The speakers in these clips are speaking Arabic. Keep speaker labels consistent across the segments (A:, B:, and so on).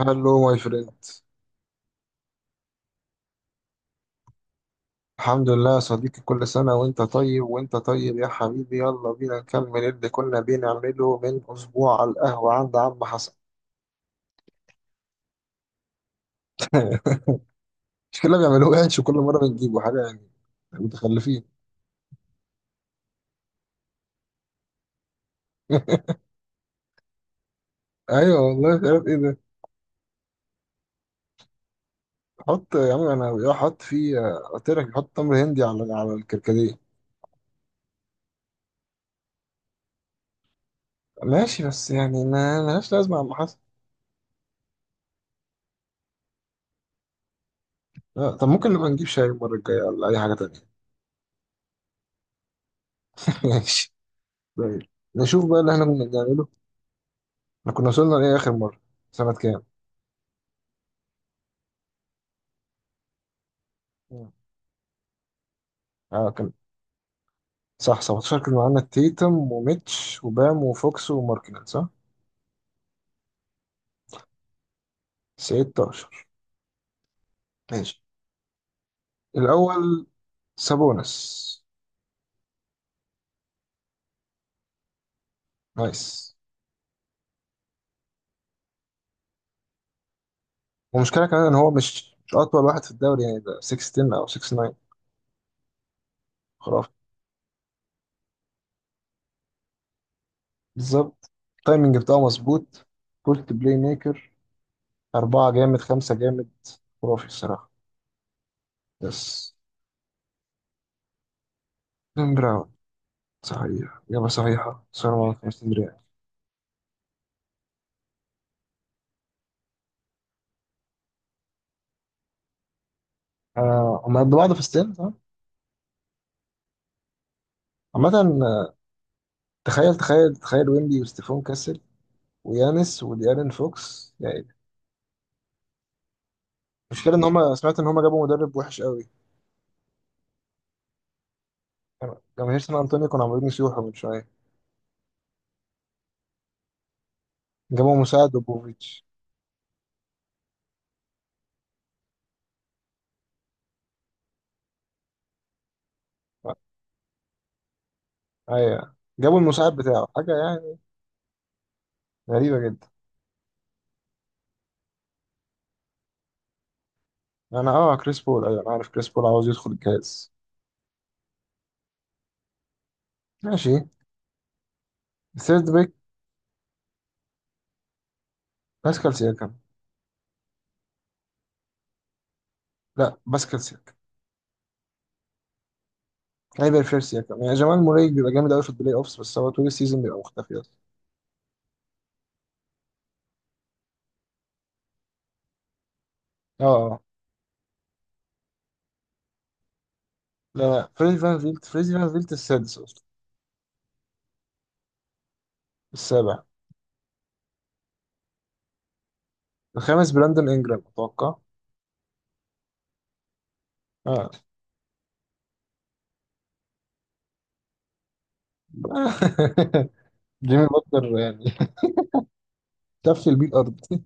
A: هلو ماي فريند. الحمد لله يا صديقي، كل سنة وانت طيب، وانت طيب يا حبيبي. يلا بينا نكمل اللي كنا بنعمله من أسبوع على القهوة عند عم حسن. مش كلنا بيعملوه يعني؟ كل مرة بنجيبه حاجة يعني متخلفين. ايوه والله، مش عارف ايه ده. حط يا عم، انا حط فيه، قلت لك حط تمر هندي على الكركديه. ماشي، بس يعني ما ملهاش لازمة يا عم حسن. لا، طب ممكن نبقى نجيب شاي المرة الجاية ولا أي حاجة تانية. ماشي. طيب. نشوف بقى اللي احنا كنا بنعمله. احنا كنا وصلنا لايه اخر مره؟ سنه كام؟ مم. اه، كان صح، 17 كان معانا تيتم وميتش وبام وفوكس وماركنن، صح. 16. ماشي. الاول سابونس. نايس. ومشكله كمان ان هو مش اطول واحد في الدوري يعني، ده 16 او 69. خرافي. بالظبط. التايمنج بتاعه مظبوط. بولت بلاي ميكر. أربعة جامد، خمسة جامد. خرافي الصراحة. يس. جيم براون. صحيح، إجابة صحيحة، صار معاك 50 ريال. آه، هما قد بعض في السن صح؟ عامة، تخيل تخيل تخيل ويمبي وستيفون كاسل، ويانس وديارين فوكس يعني. المشكلة إن هما سمعت إن هما جابوا مدرب وحش قوي. جماهير سان أنطونيو كانوا عمالين يسيحوا من شوية. جابوا مساعد وبوفيتش. أيوة، جابوا المساعد بتاعه حاجة يعني. غريبة جدا. أنا، أه كريس بول، أيوة أنا عارف كريس بول عاوز يدخل الجهاز. ماشي. الثيرد بيك. باسكال سياكم. لا، باسكال سياكم. كايبر فير سياكم يعني. جمال موري بيبقى جامد قوي في البلاي أوفس، بس هو طول السيزون بيبقى مختفي أصلا. أه. أه. لا لا، فريزي فان فيلت. فريزي فان فيلت السادس. السابع. الخامس براندون انجرام اتوقع. اه. جيمي بutler يعني، تفل بيه الارض.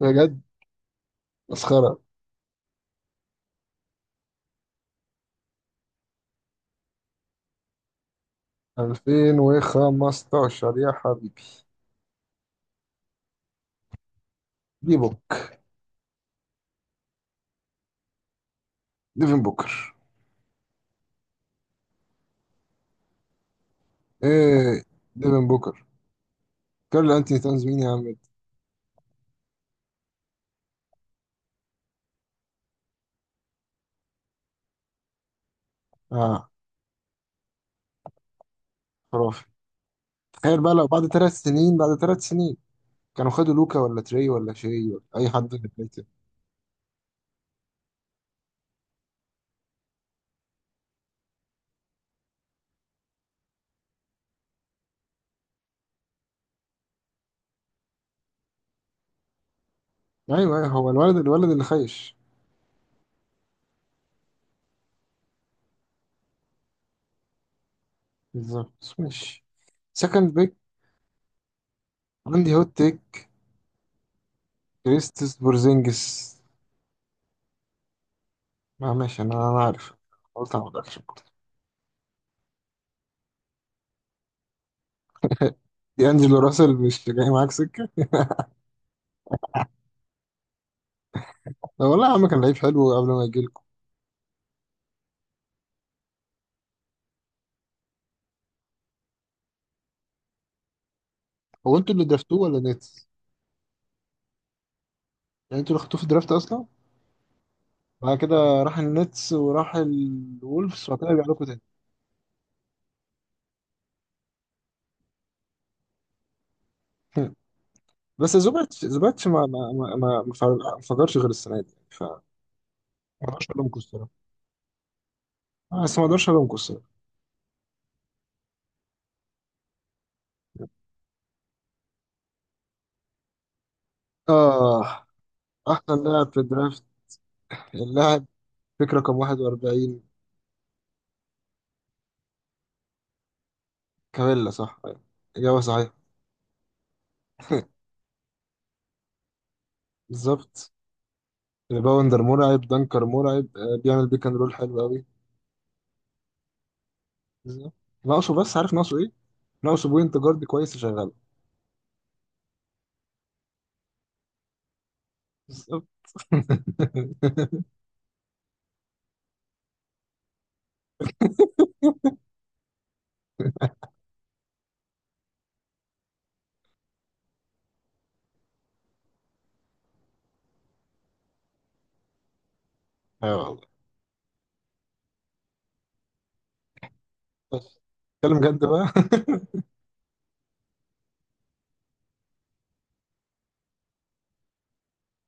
A: بجد. مسخره. 2015 يا حبيبي. دي بوك. ديفن بوكر. ايه؟ ديفن بوكر كارل انتوني تاونز، مين يا عم ده؟ اه. خرافي. تخيل بقى لو بعد 3 سنين، بعد ثلاث سنين كانوا خدوا لوكا ولا تري ولا شاي ولا اي حد من البيت. ايوه ايوه، هو الولد، الولد اللي خايش. بالظبط، ماشي. سكند بيك. عندي هوت تيك. كريستس بورزينجس. ما ماشي، انا عارف، قلت انا ما اقدرش. دي انجلو راسل مش جاي معاك سكه؟ لا والله يا عم، كان لعيب حلو قبل ما يجيلكوا. هو انتوا اللي درافتوه ولا نيتس؟ يعني انتوا اللي خدتوه في الدرافت اصلا؟ بعد كده راح النتس وراح الولفز وبعد كده رجع لكم تاني. هم. بس زوباتش، زوباتش ما فجرش غير السنه دي، ف ما اقدرش الومكم الصراحه آه، بس ما اقدرش الومكم الصراحه. اه، احسن لاعب في الدرافت، اللاعب فكره رقم 41. كابيلا صح، أيوة. إجابة صحيحة. بالظبط. ريباوندر مرعب، دنكر مرعب، بيعمل بيك اند رول حلو قوي. بالظبط. ناقصه بس، عارف ناقصه ايه؟ ناقصه بوينت جارد كويس يشغله. بالظبط. ايوه والله. بس اتكلم جد بقى.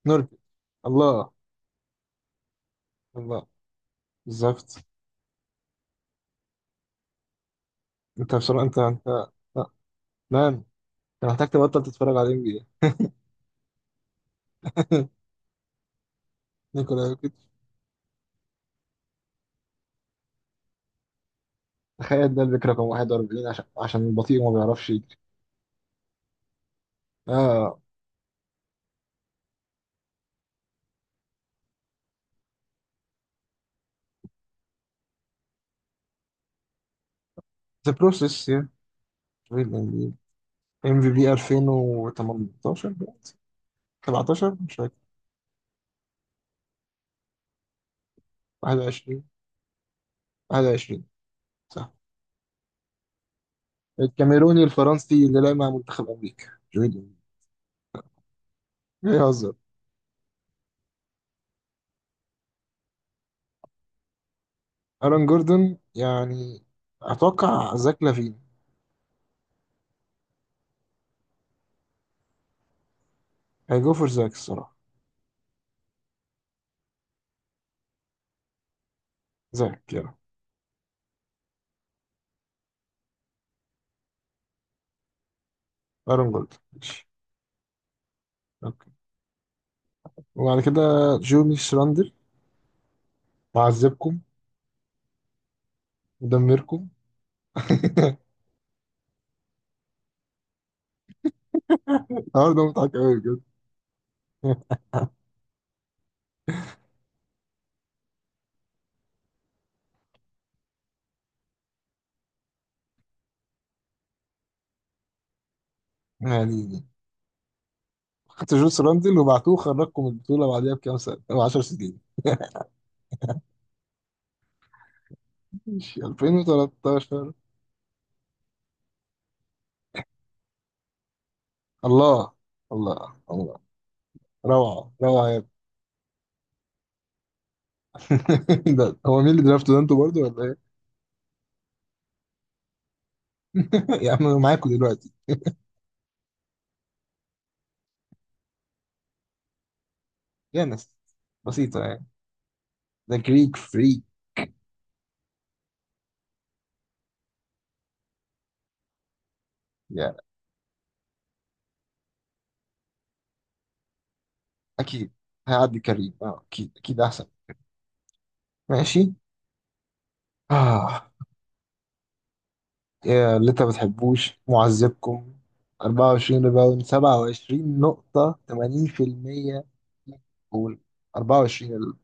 A: نوركي. الله. الله. بالظبط. انت بصراحة، انت انت آه، نعم. انت محتاج تبطل تتفرج على ام بي اي. نيكولا يوكيتش. تخيل، ده البيك رقم 41 عشان بطيء وما بيعرفش يجري. اه، ذا بروسيس يا. ام في بي 2018، 17 مش فاكر، 21، 21 صح. الكاميروني الفرنسي اللي لعب مع منتخب أمريكا. جويد بيهزر. ألان جوردون يعني. أتوقع زاك لافين. هيجو فور زاك الصراحة. زاك يلا. ألان جوردون ماشي. أوكي. وبعد كده جوني شراندر. معذبكم. مدمركم. النهارده مضحك أوي بجد. يعني دي. خدت جون شراندل وبعتوه، خرجكم من البطولة بعديها بكام سنة أو 10 سنين. ماشي، 2013. الله، الله، الله. روعة، روعة يا ابني. ده هو مين اللي درافته ده، انتوا برضه ولا ايه؟ يا عم انا معاكم دلوقتي. يا ناس، بسيطة يعني. ده جريك فري يعني. أكيد. هيعدي كريم، اه، أكيد، أكيد أحسن. ماشي. آه. يا اللي أنت ما بتحبوش معذبكم. 24 ريباوند، 27 نقطة، 80%. جول. 24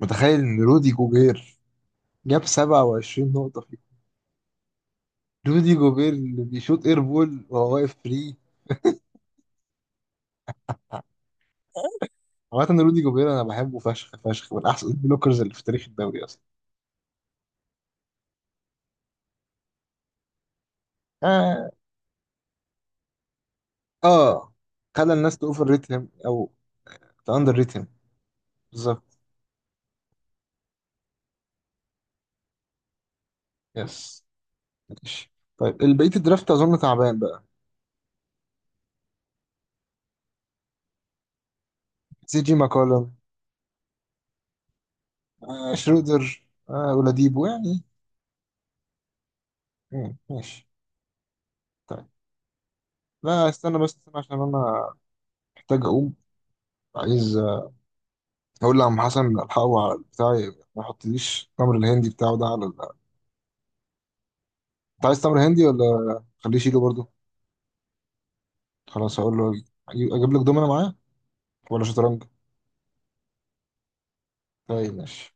A: متخيل إن رودي جوبير جاب 27 نقطة فيه. رودي جوبير اللي بيشوط اير بول وهو واقف فري. عامة رودي جوبير انا بحبه فشخ فشخ، من احسن البلوكرز اللي في تاريخ الدوري اصلا. اه. اه، خلى الناس تأوفر ريت هيم او تأندر ريت هيم. بالظبط. يس. ماشي. طيب البقية الدرافت اظن تعبان بقى. سي جي ماكولم. آه شرودر. آه اولاديبو يعني. مم، ماشي. طيب. لا، استنى بس، استنى عشان انا محتاج اقوم. عايز اقول لعم حسن الحقه على البتاع، ما يحطليش تمر الهندي بتاعه ده على ال-. انت عايز تمر هندي ولا؟ خليه يشيله برضه. خلاص، هقول له. اجيب لك دومنا معاه ولا شطرنج؟ طيب ماشي.